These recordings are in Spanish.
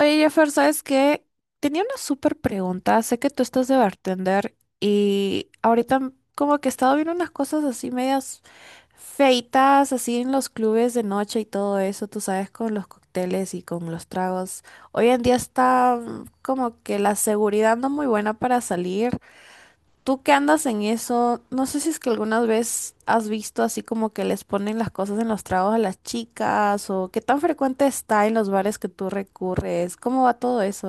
Oye, Jeffer, ¿sabes qué? Tenía una súper pregunta. Sé que tú estás de bartender y ahorita como que he estado viendo unas cosas así medias feitas, así en los clubes de noche y todo eso, tú sabes, con los cócteles y con los tragos. Hoy en día está como que la seguridad no muy buena para salir. Tú que andas en eso, no sé si es que alguna vez has visto así como que les ponen las cosas en los tragos a las chicas o qué tan frecuente está en los bares que tú recurres. ¿Cómo va todo eso?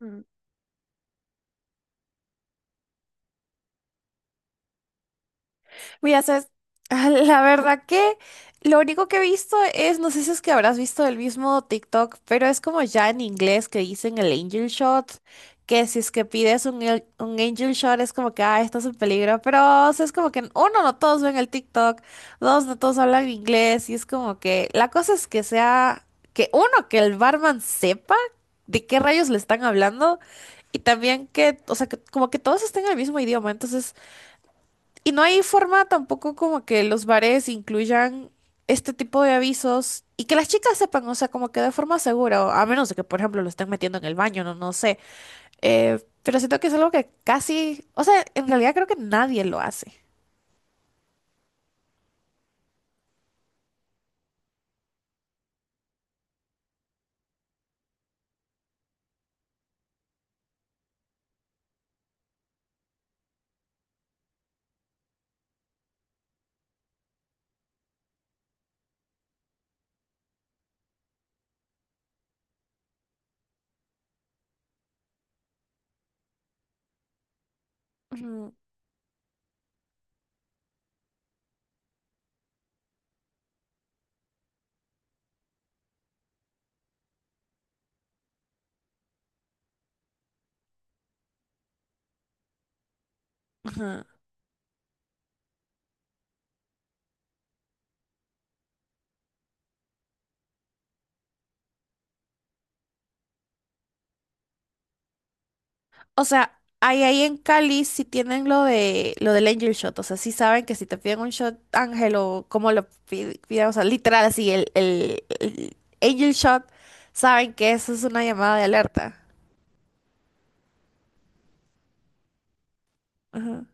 Ujú. Mira, sabes, la verdad que lo único que he visto es, no sé si es que habrás visto el mismo TikTok, pero es como ya en inglés que dicen el angel shot, que si es que pides un angel shot es como que, ah, estás en peligro, pero o sea, es como que uno, no todos ven el TikTok, dos, no todos hablan inglés, y es como que la cosa es que sea, que uno, que el barman sepa de qué rayos le están hablando. Y también que, o sea, que como que todos estén en el mismo idioma. Entonces, y no hay forma tampoco como que los bares incluyan este tipo de avisos y que las chicas sepan, o sea, como que de forma segura, o a menos de que, por ejemplo, lo estén metiendo en el baño, no, no sé. Pero siento que es algo que casi, o sea, en realidad creo que nadie lo hace. Ujú, ujú. O sea, ahí en Cali sí tienen lo del angel shot, o sea, sí saben que si te piden un shot ángel o como lo piden, o sea, literal así el angel shot, saben que eso es una llamada de alerta. Ajá,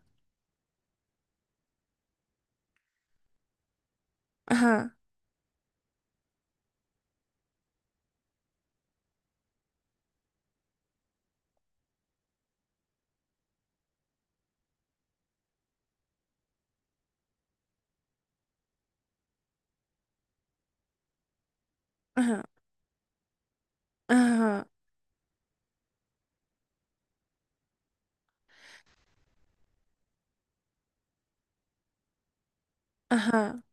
ajá, ajá, ajá, ajá.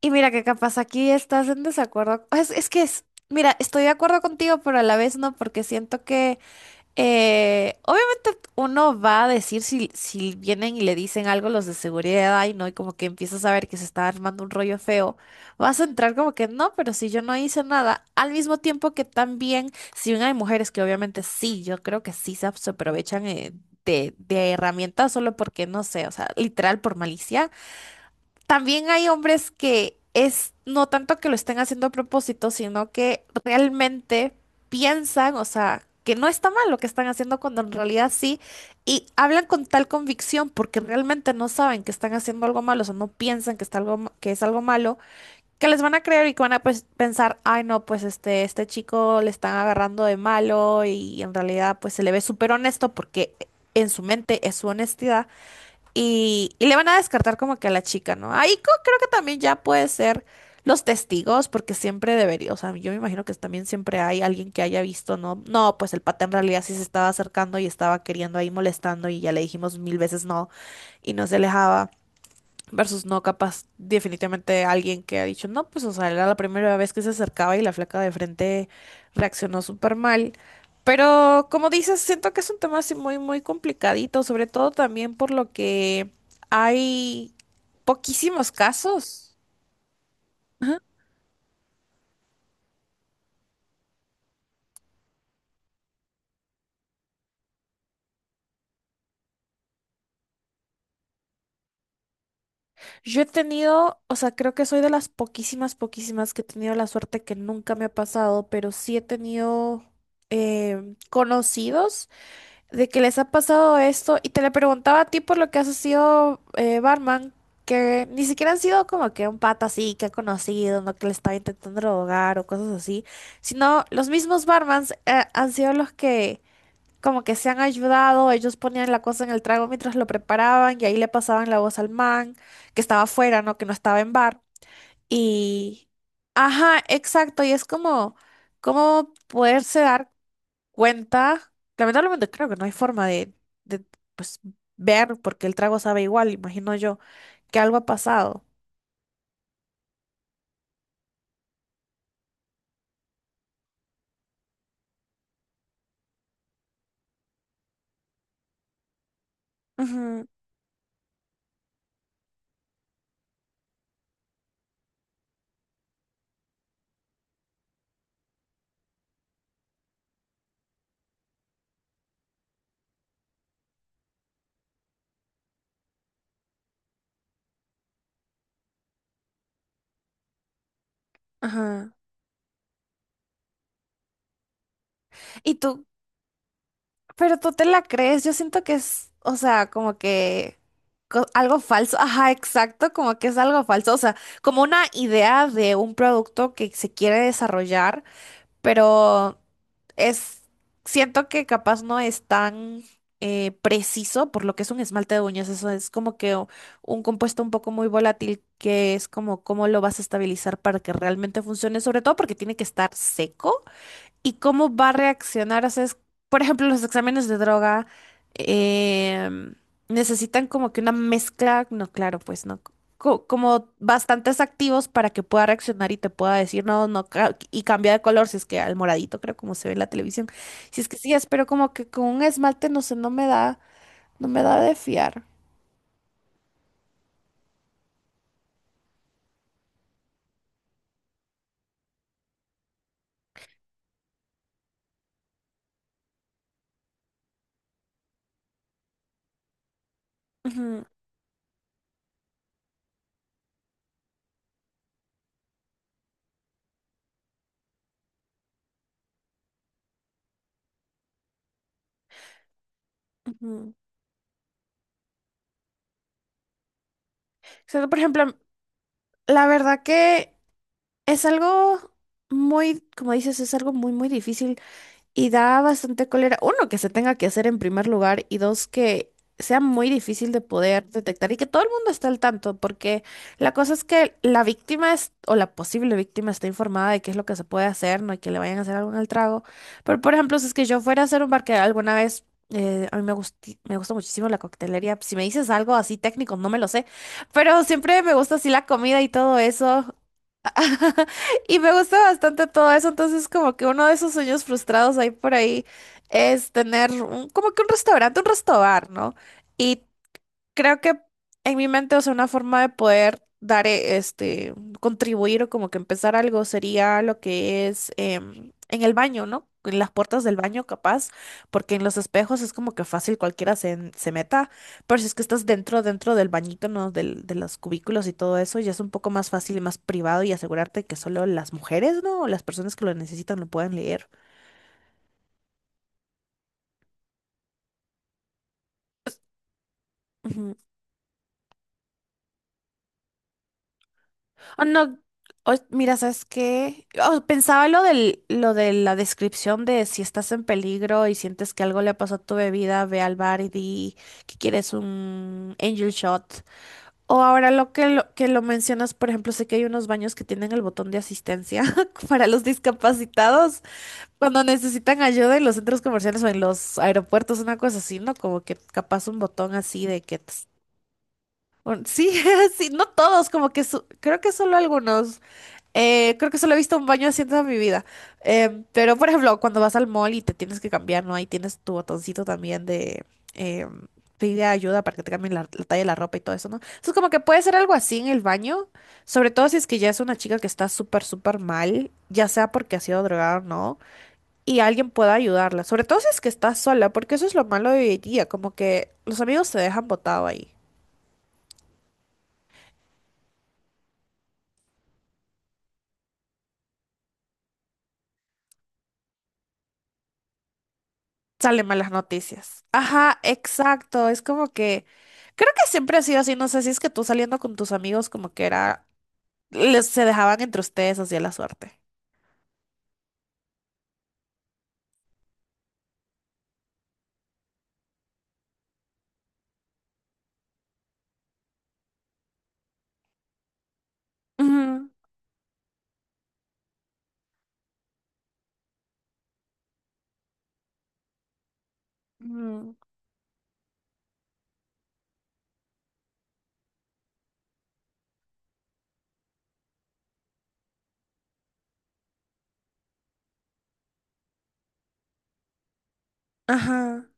Y mira que capaz aquí estás en desacuerdo. Mira, estoy de acuerdo contigo, pero a la vez no, porque siento que obviamente uno va a decir si vienen y le dicen algo los de seguridad, y ¿no? Y como que empiezas a ver que se está armando un rollo feo, vas a entrar como que no, pero si yo no hice nada, al mismo tiempo que también, si bien hay mujeres que obviamente sí, yo creo que sí se aprovechan de herramientas solo porque, no sé, o sea, literal por malicia. También hay hombres que es no tanto que lo estén haciendo a propósito, sino que realmente piensan, o sea, que no está mal lo que están haciendo cuando en realidad sí, y hablan con tal convicción porque realmente no saben que están haciendo algo malo, o sea, no piensan que está algo, que es algo malo, que les van a creer y que van a pues, pensar, ay no, pues este chico le están agarrando de malo y en realidad pues se le ve súper honesto porque en su mente es su honestidad. Y le van a descartar como que a la chica, ¿no? Ahí creo que también ya puede ser los testigos, porque siempre debería, o sea, yo me imagino que también siempre hay alguien que haya visto, ¿no? No, pues el pata en realidad sí se estaba acercando y estaba queriendo ahí molestando y ya le dijimos mil veces no y no se alejaba. Versus no, capaz, definitivamente alguien que ha dicho, no, pues, o sea, era la primera vez que se acercaba y la flaca de frente reaccionó súper mal. Pero, como dices, siento que es un tema así muy, muy complicadito, sobre todo también por lo que hay poquísimos casos. Yo he tenido, o sea, creo que soy de las poquísimas, poquísimas que he tenido la suerte que nunca me ha pasado, pero sí he tenido conocidos de que les ha pasado esto y te le preguntaba a ti por lo que has sido barman, que ni siquiera han sido como que un pata así que ha conocido, no que le estaba intentando drogar o cosas así, sino los mismos barmans han sido los que como que se han ayudado, ellos ponían la cosa en el trago mientras lo preparaban y ahí le pasaban la voz al man que estaba afuera, ¿no? Que no estaba en bar. Y... Ajá, exacto, y es como. ¿Cómo poderse dar cuenta? Lamentablemente creo que no hay forma de, de, pues, ver, porque el trago sabe igual, imagino yo, que algo ha pasado. Ujú, ajá. Y tú, pero tú te la crees, yo siento que es, o sea, como que algo falso, ajá, exacto, como que es algo falso, o sea, como una idea de un producto que se quiere desarrollar. Pero es, siento que capaz no es tan preciso por lo que es un esmalte de uñas. Eso es como que un compuesto un poco muy volátil que es como cómo lo vas a estabilizar para que realmente funcione, sobre todo porque tiene que estar seco y cómo va a reaccionar. O sea, por ejemplo, los exámenes de droga em, necesitan como que una mezcla, no, claro, pues no, como bastantes activos para que pueda reaccionar y te pueda decir no, no, y cambia de color, si es que al moradito, creo, como se ve en la televisión. Si es que sí, espero como que con un esmalte, no sé, no me da de fiar. Ujú, ujú. O sea, por ejemplo, la verdad que es algo muy, como dices, es algo muy, muy difícil. Y da bastante cólera, uno, que se tenga que hacer en primer lugar y dos, que sea muy difícil de poder detectar y que todo el mundo esté al tanto, porque la cosa es que la víctima es, o la posible víctima está informada de qué es lo que se puede hacer, no hay que le vayan a hacer algo en el trago. Pero, por ejemplo, si es que yo fuera a hacer un bar que alguna vez, a mí me me gusta muchísimo la coctelería, si me dices algo así técnico, no me lo sé, pero siempre me gusta así la comida y todo eso. Y me gusta bastante todo eso, entonces como que uno de esos sueños frustrados ahí por ahí es tener como que un restaurante, un restobar, ¿no? Y creo que en mi mente, o sea, una forma de poder dar, contribuir o como que empezar algo sería lo que es en el baño, ¿no? En las puertas del baño, capaz, porque en los espejos es como que fácil cualquiera se meta, pero si es que estás dentro, del bañito, ¿no? De los cubículos y todo eso, ya es un poco más fácil y más privado y asegurarte que solo las mujeres, ¿no? O las personas que lo necesitan lo puedan leer. Oh, no, oh, mira, ¿sabes qué? Oh, pensaba lo de la descripción de si estás en peligro y sientes que algo le pasó a tu bebida, ve al bar y di que quieres un angel shot. O ahora que lo mencionas, por ejemplo, sé que hay unos baños que tienen el botón de asistencia para los discapacitados cuando necesitan ayuda en los centros comerciales o en los aeropuertos, una cosa así, ¿no? Como que capaz un botón así de que, tss, Sí, sí, no todos, como que creo que solo algunos. Creo que solo he visto un baño así en toda mi vida. Pero, por ejemplo, cuando vas al mall y te tienes que cambiar, ¿no? Ahí tienes tu botoncito también de eh, pide ayuda para que te cambien la talla de la ropa y todo eso, ¿no? Entonces, como que puede ser algo así en el baño, sobre todo si es que ya es una chica que está súper, súper mal, ya sea porque ha sido drogada o no, y alguien pueda ayudarla, sobre todo si es que está sola, porque eso es lo malo de hoy en día, como que los amigos se dejan botado ahí. Salen malas noticias. Ajá, exacto. Es como que creo que siempre ha sido así. No sé si es que tú saliendo con tus amigos como que era, se dejaban entre ustedes así a la suerte. Ujú, ujú. Ajá.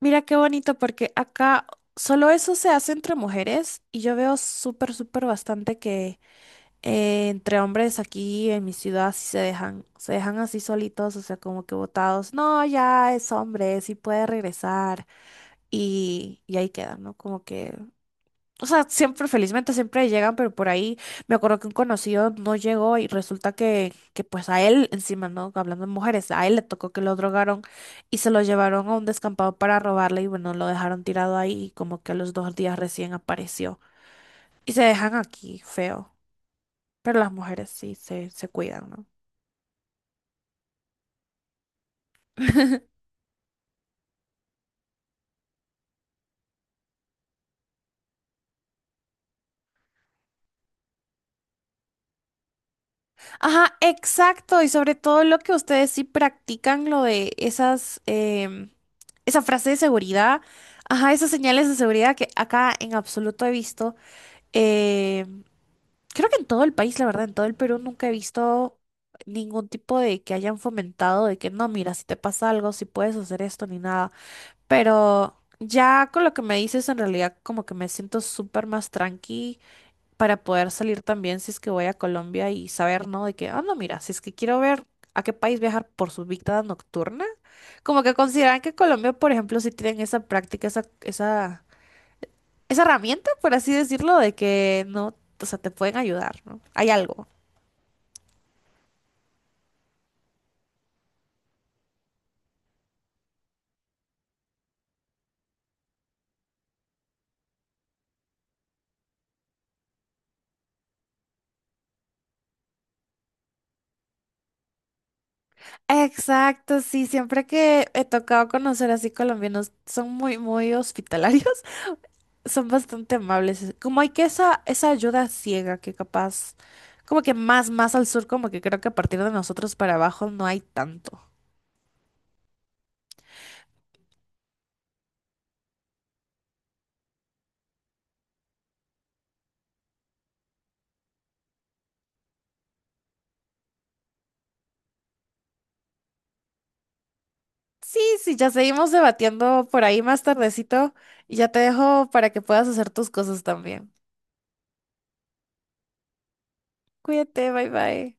Mira qué bonito porque acá solo eso se hace entre mujeres y yo veo súper, súper bastante que entre hombres aquí en mi ciudad sí se dejan así solitos, o sea, como que botados. No, ya es hombre, sí puede regresar y ahí quedan, ¿no? Como que O sea, siempre, felizmente, siempre llegan, pero por ahí me acuerdo que un conocido no llegó y resulta que pues a él, encima, ¿no? Hablando de mujeres, a él le tocó que lo drogaron y se lo llevaron a un descampado para robarle y bueno, lo dejaron tirado ahí y como que a los 2 días recién apareció. Y se dejan aquí, feo. Pero las mujeres sí se cuidan, ¿no? Ajá, exacto. Y sobre todo lo que ustedes sí practican, lo de esas, esa frase de seguridad, ajá, esas señales de seguridad que acá en absoluto he visto. Em, creo que en todo el país, la verdad, en todo el Perú nunca he visto ningún tipo de que hayan fomentado de que no, mira, si te pasa algo, si puedes hacer esto ni nada. Pero ya con lo que me dices, en realidad como que me siento súper más tranqui para poder salir también si es que voy a Colombia y saber, ¿no? De que, ah, no, mira, si es que quiero ver a qué país viajar por su vida nocturna, como que consideran que Colombia, por ejemplo, sí tienen esa práctica, esa, herramienta, por así decirlo, de que no, o sea, te pueden ayudar, ¿no? Hay algo. Exacto, sí, siempre que he tocado conocer así colombianos, son muy, muy hospitalarios. Son bastante amables. Como hay que esa ayuda ciega que capaz, como que más, más al sur, como que creo que a partir de nosotros para abajo no hay tanto. Sí, sí, ya seguimos debatiendo por ahí más tardecito y ya te dejo para que puedas hacer tus cosas también. Cuídate, bye bye.